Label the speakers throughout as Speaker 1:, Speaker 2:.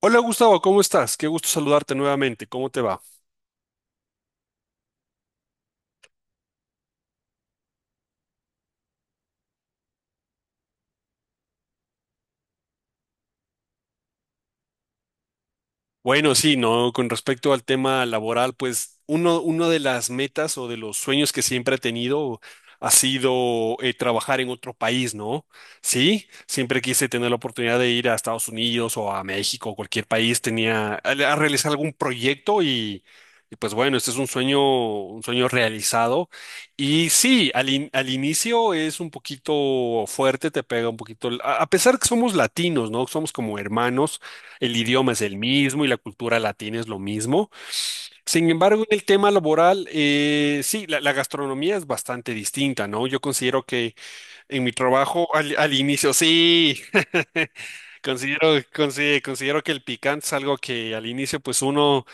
Speaker 1: Hola Gustavo, ¿cómo estás? Qué gusto saludarte nuevamente. ¿Cómo te va? Bueno, sí, no, con respecto al tema laboral, pues uno de las metas o de los sueños que siempre he tenido ha sido trabajar en otro país, ¿no? Sí, siempre quise tener la oportunidad de ir a Estados Unidos o a México o cualquier país, tenía a realizar algún proyecto y, pues bueno, este es un sueño realizado. Y sí, al inicio es un poquito fuerte, te pega un poquito, a pesar que somos latinos, ¿no? Somos como hermanos. El idioma es el mismo y la cultura latina es lo mismo. Sin embargo, en el tema laboral, sí, la gastronomía es bastante distinta, ¿no? Yo considero que en mi trabajo al inicio, sí, considero que el picante es algo que al inicio, pues uno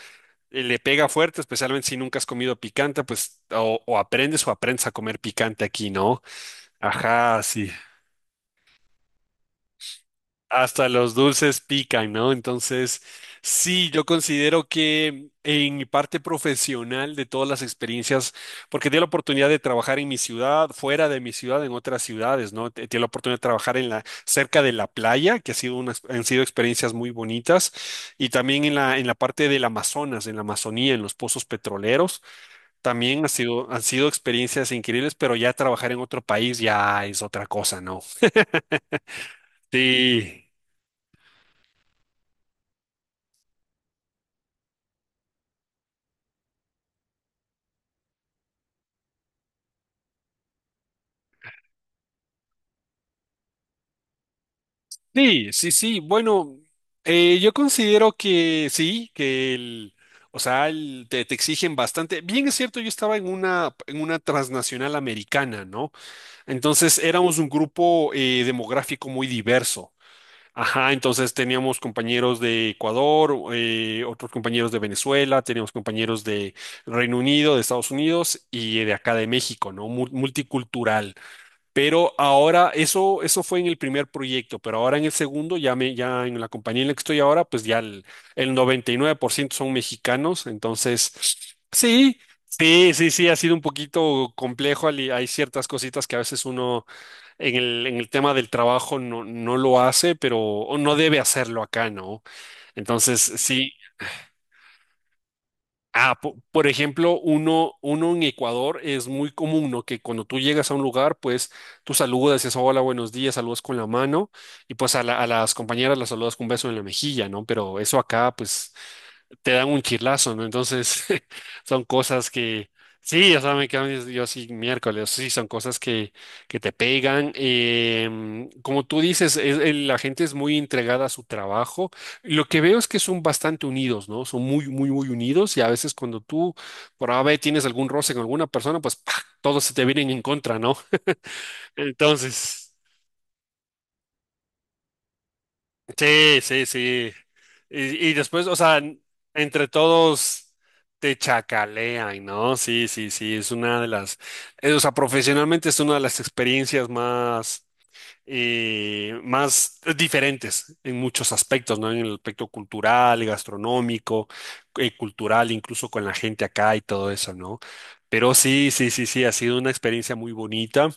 Speaker 1: le pega fuerte, especialmente si nunca has comido picante, pues o aprendes o aprendes a comer picante aquí, ¿no? Ajá, sí. Hasta los dulces pican, ¿no? Entonces, sí, yo considero que en mi parte profesional de todas las experiencias, porque tuve la oportunidad de trabajar en mi ciudad, fuera de mi ciudad, en otras ciudades, ¿no? Tuve la oportunidad de trabajar cerca de la playa, que ha sido han sido experiencias muy bonitas, y también en la parte del Amazonas, en la Amazonía, en los pozos petroleros, también han sido experiencias increíbles, pero ya trabajar en otro país ya es otra cosa, ¿no? Sí. Sí, sí, sí. Bueno, yo considero que sí, que o sea, te exigen bastante. Bien es cierto, yo estaba en una transnacional americana, ¿no? Entonces éramos un grupo demográfico muy diverso. Ajá, entonces teníamos compañeros de Ecuador, otros compañeros de Venezuela, teníamos compañeros de Reino Unido, de Estados Unidos y de acá de México, ¿no? Multicultural. Pero ahora, eso fue en el primer proyecto, pero ahora en el segundo, ya, ya en la compañía en la que estoy ahora, pues ya el 99% son mexicanos. Entonces, sí, sí, sí, sí, ha sido un poquito complejo. Hay ciertas cositas que a veces uno en el tema del trabajo no lo hace, pero o no debe hacerlo acá, ¿no? Entonces, sí. Ah, por ejemplo, uno en Ecuador es muy común, ¿no? Que cuando tú llegas a un lugar, pues tú saludas, dices hola, buenos días, saludas con la mano y pues a las compañeras las saludas con un beso en la mejilla, ¿no? Pero eso acá, pues te dan un chirlazo, ¿no? Entonces, son cosas que, sí, o sea, me quedo yo sí miércoles, sí, son cosas que te pegan. Como tú dices, la gente es muy entregada a su trabajo. Lo que veo es que son bastante unidos, ¿no? Son muy, muy, muy unidos y a veces cuando tú por A, B, tienes algún roce con alguna persona, pues ¡pah! Todos se te vienen en contra, ¿no? Entonces. Sí, sí, sí. Y después, o sea, entre todos te chacalean, ¿no? Sí, sí, sí, es una de las, o sea, profesionalmente es una de las experiencias más diferentes en muchos aspectos, ¿no? En el aspecto cultural, gastronómico, cultural, incluso con la gente acá y todo eso, ¿no? Pero sí, sí, sí, sí, ha sido una experiencia muy bonita.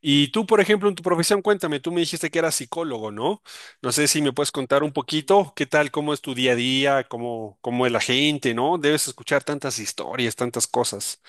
Speaker 1: Y tú, por ejemplo, en tu profesión, cuéntame, tú me dijiste que eras psicólogo, ¿no? No sé si me puedes contar un poquito, qué tal, cómo es tu día a día, cómo es la gente, ¿no? Debes escuchar tantas historias, tantas cosas.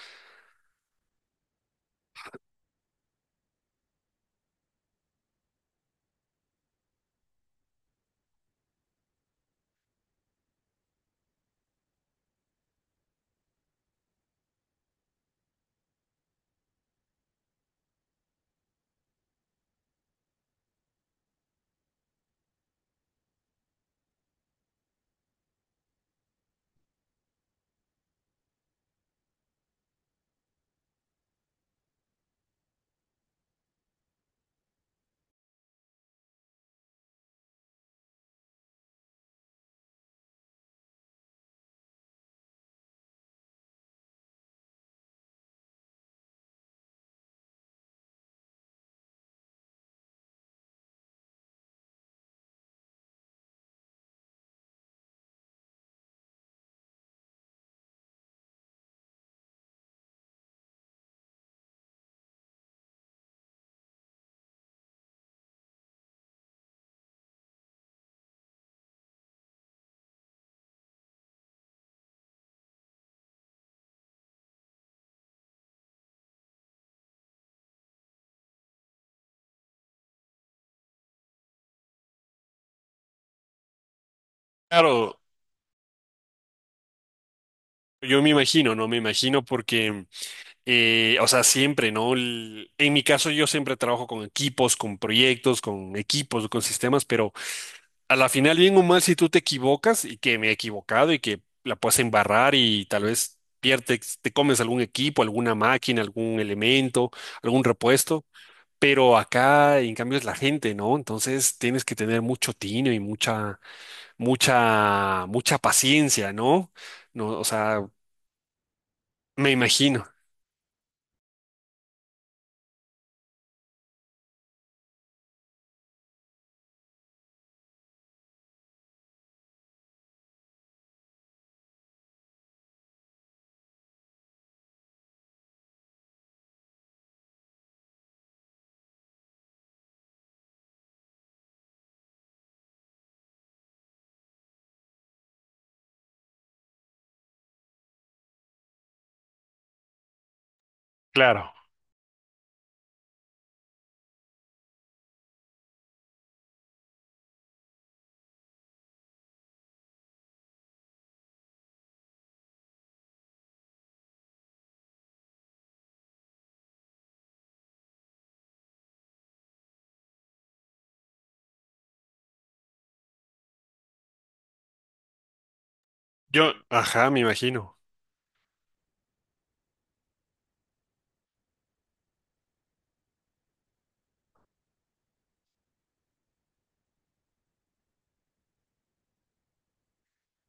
Speaker 1: Claro, yo me imagino, ¿no? Me imagino porque, o sea, siempre, ¿no? En mi caso, yo siempre trabajo con equipos, con proyectos, con equipos, con sistemas, pero a la final, bien o mal, si tú te equivocas y que me he equivocado y que la puedes embarrar y tal vez pierdes, te comes algún equipo, alguna máquina, algún elemento, algún repuesto, pero acá en cambio es la gente, ¿no? Entonces tienes que tener mucho tino y mucha, mucha, mucha paciencia, ¿no? No, o sea, me imagino. Claro. Yo, Ajá, me imagino.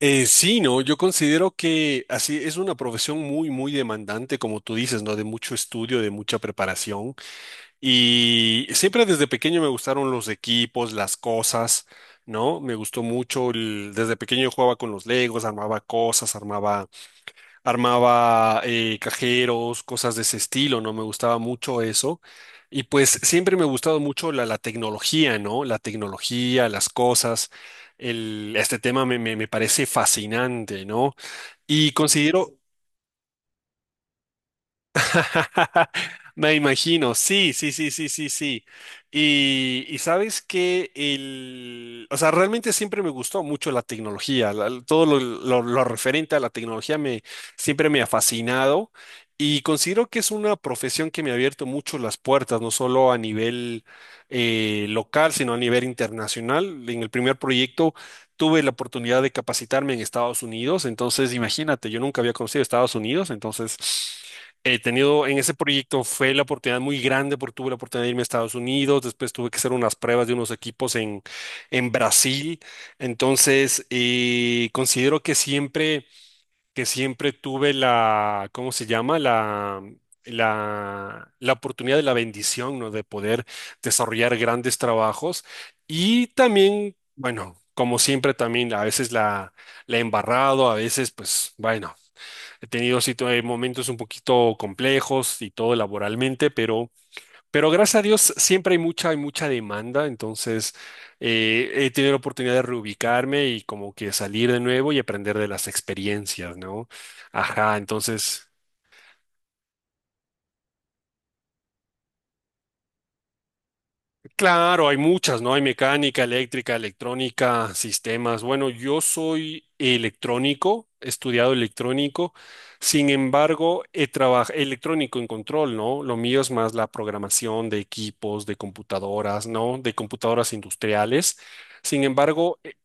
Speaker 1: Sí, no, yo considero que así es una profesión muy, muy demandante, como tú dices, ¿no? De mucho estudio, de mucha preparación. Y siempre desde pequeño me gustaron los equipos, las cosas, ¿no? Me gustó mucho, desde pequeño yo jugaba con los Legos, armaba cosas, armaba, armaba cajeros, cosas de ese estilo, ¿no? Me gustaba mucho eso. Y pues siempre me ha gustado mucho la tecnología, ¿no? La tecnología, las cosas. Este tema me parece fascinante, ¿no? Y considero. Me imagino, sí, sí, sí, sí, sí, sí. Y sabes que o sea, realmente siempre me gustó mucho la tecnología, todo lo referente a la tecnología siempre me ha fascinado y considero que es una profesión que me ha abierto mucho las puertas, no solo a nivel local, sino a nivel internacional. En el primer proyecto tuve la oportunidad de capacitarme en Estados Unidos, entonces imagínate, yo nunca había conocido Estados Unidos, entonces. He tenido en ese proyecto fue la oportunidad muy grande porque tuve la oportunidad de irme a Estados Unidos, después tuve que hacer unas pruebas de unos equipos en Brasil, entonces considero que siempre, tuve la, ¿cómo se llama? La oportunidad de la bendición, ¿no? De poder desarrollar grandes trabajos y también, bueno, como siempre también a veces la he embarrado, a veces pues bueno. He tenido momentos un poquito complejos y todo laboralmente, pero gracias a Dios siempre hay mucha demanda, entonces he tenido la oportunidad de reubicarme y como que salir de nuevo y aprender de las experiencias, ¿no? Ajá, entonces. Claro, hay muchas, ¿no? Hay mecánica, eléctrica, electrónica, sistemas. Bueno, yo soy electrónico, he estudiado electrónico, sin embargo, he trabajado electrónico en control, ¿no? Lo mío es más la programación de equipos, de computadoras, ¿no? De computadoras industriales. Sin embargo, e-,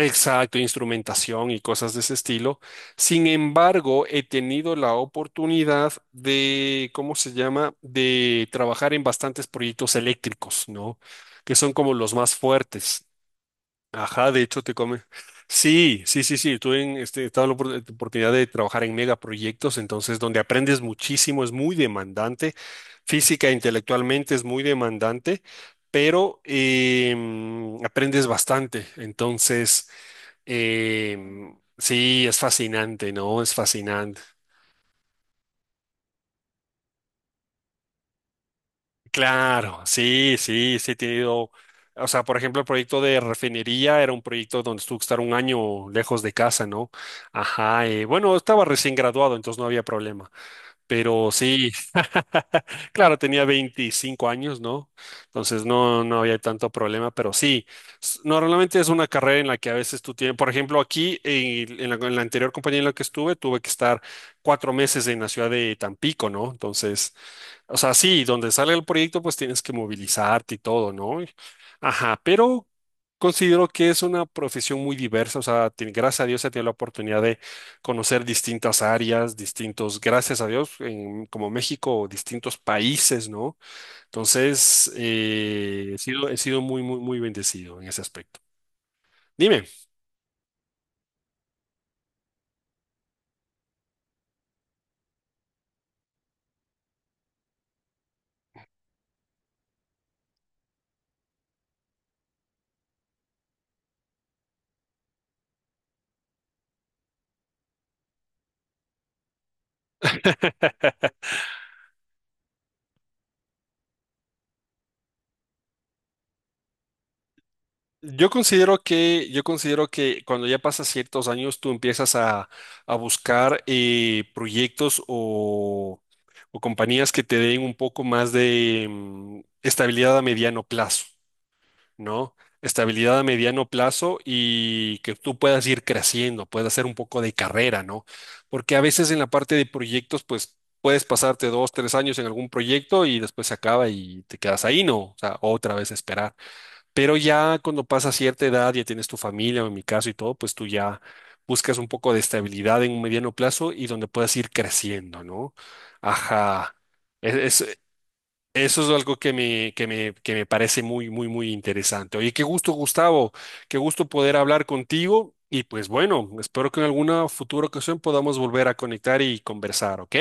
Speaker 1: exacto, instrumentación y cosas de ese estilo. Sin embargo, he tenido la oportunidad de, ¿cómo se llama?, de trabajar en bastantes proyectos eléctricos, ¿no? Que son como los más fuertes. Ajá, de hecho te come. Sí, sí, sí, sí. He tenido la oportunidad de trabajar en megaproyectos, entonces donde aprendes muchísimo, es muy demandante. Física e intelectualmente es muy demandante, pero aprendes bastante. Entonces. Sí, es fascinante, ¿no? Es fascinante. Claro, sí, sí, sí he tenido, o sea, por ejemplo, el proyecto de refinería era un proyecto donde tuve que estar un año lejos de casa, ¿no? Ajá, bueno, estaba recién graduado, entonces no había problema. Pero sí, claro, tenía 25 años, ¿no? Entonces no, no había tanto problema, pero sí, normalmente es una carrera en la que a veces tú tienes, por ejemplo, aquí en la anterior compañía en la que estuve, tuve que estar 4 meses en la ciudad de Tampico, ¿no? Entonces, o sea, sí, donde sale el proyecto, pues tienes que movilizarte y todo, ¿no? Ajá, pero considero que es una profesión muy diversa, o sea, gracias a Dios he tenido la oportunidad de conocer distintas áreas, distintos, gracias a Dios, como México, distintos países, ¿no? Entonces, he sido muy, muy, muy bendecido en ese aspecto. Dime. Yo considero que cuando ya pasas ciertos años, tú empiezas a buscar proyectos o compañías que te den un poco más de estabilidad a mediano plazo, ¿no? Estabilidad a mediano plazo y que tú puedas ir creciendo, puedas hacer un poco de carrera, ¿no? Porque a veces en la parte de proyectos, pues puedes pasarte 2, 3 años en algún proyecto y después se acaba y te quedas ahí, ¿no? O sea, otra vez esperar. Pero ya cuando pasa cierta edad, ya tienes tu familia, o en mi caso y todo, pues tú ya buscas un poco de estabilidad en un mediano plazo y donde puedas ir creciendo, ¿no? Ajá. Es- es- e-, eso es algo que que me parece muy, muy, muy interesante. Oye, qué gusto, Gustavo. Qué gusto poder hablar contigo. Y pues bueno, espero que en alguna futura ocasión podamos volver a conectar y conversar, ¿ok?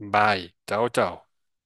Speaker 1: Bye. Chao, chao.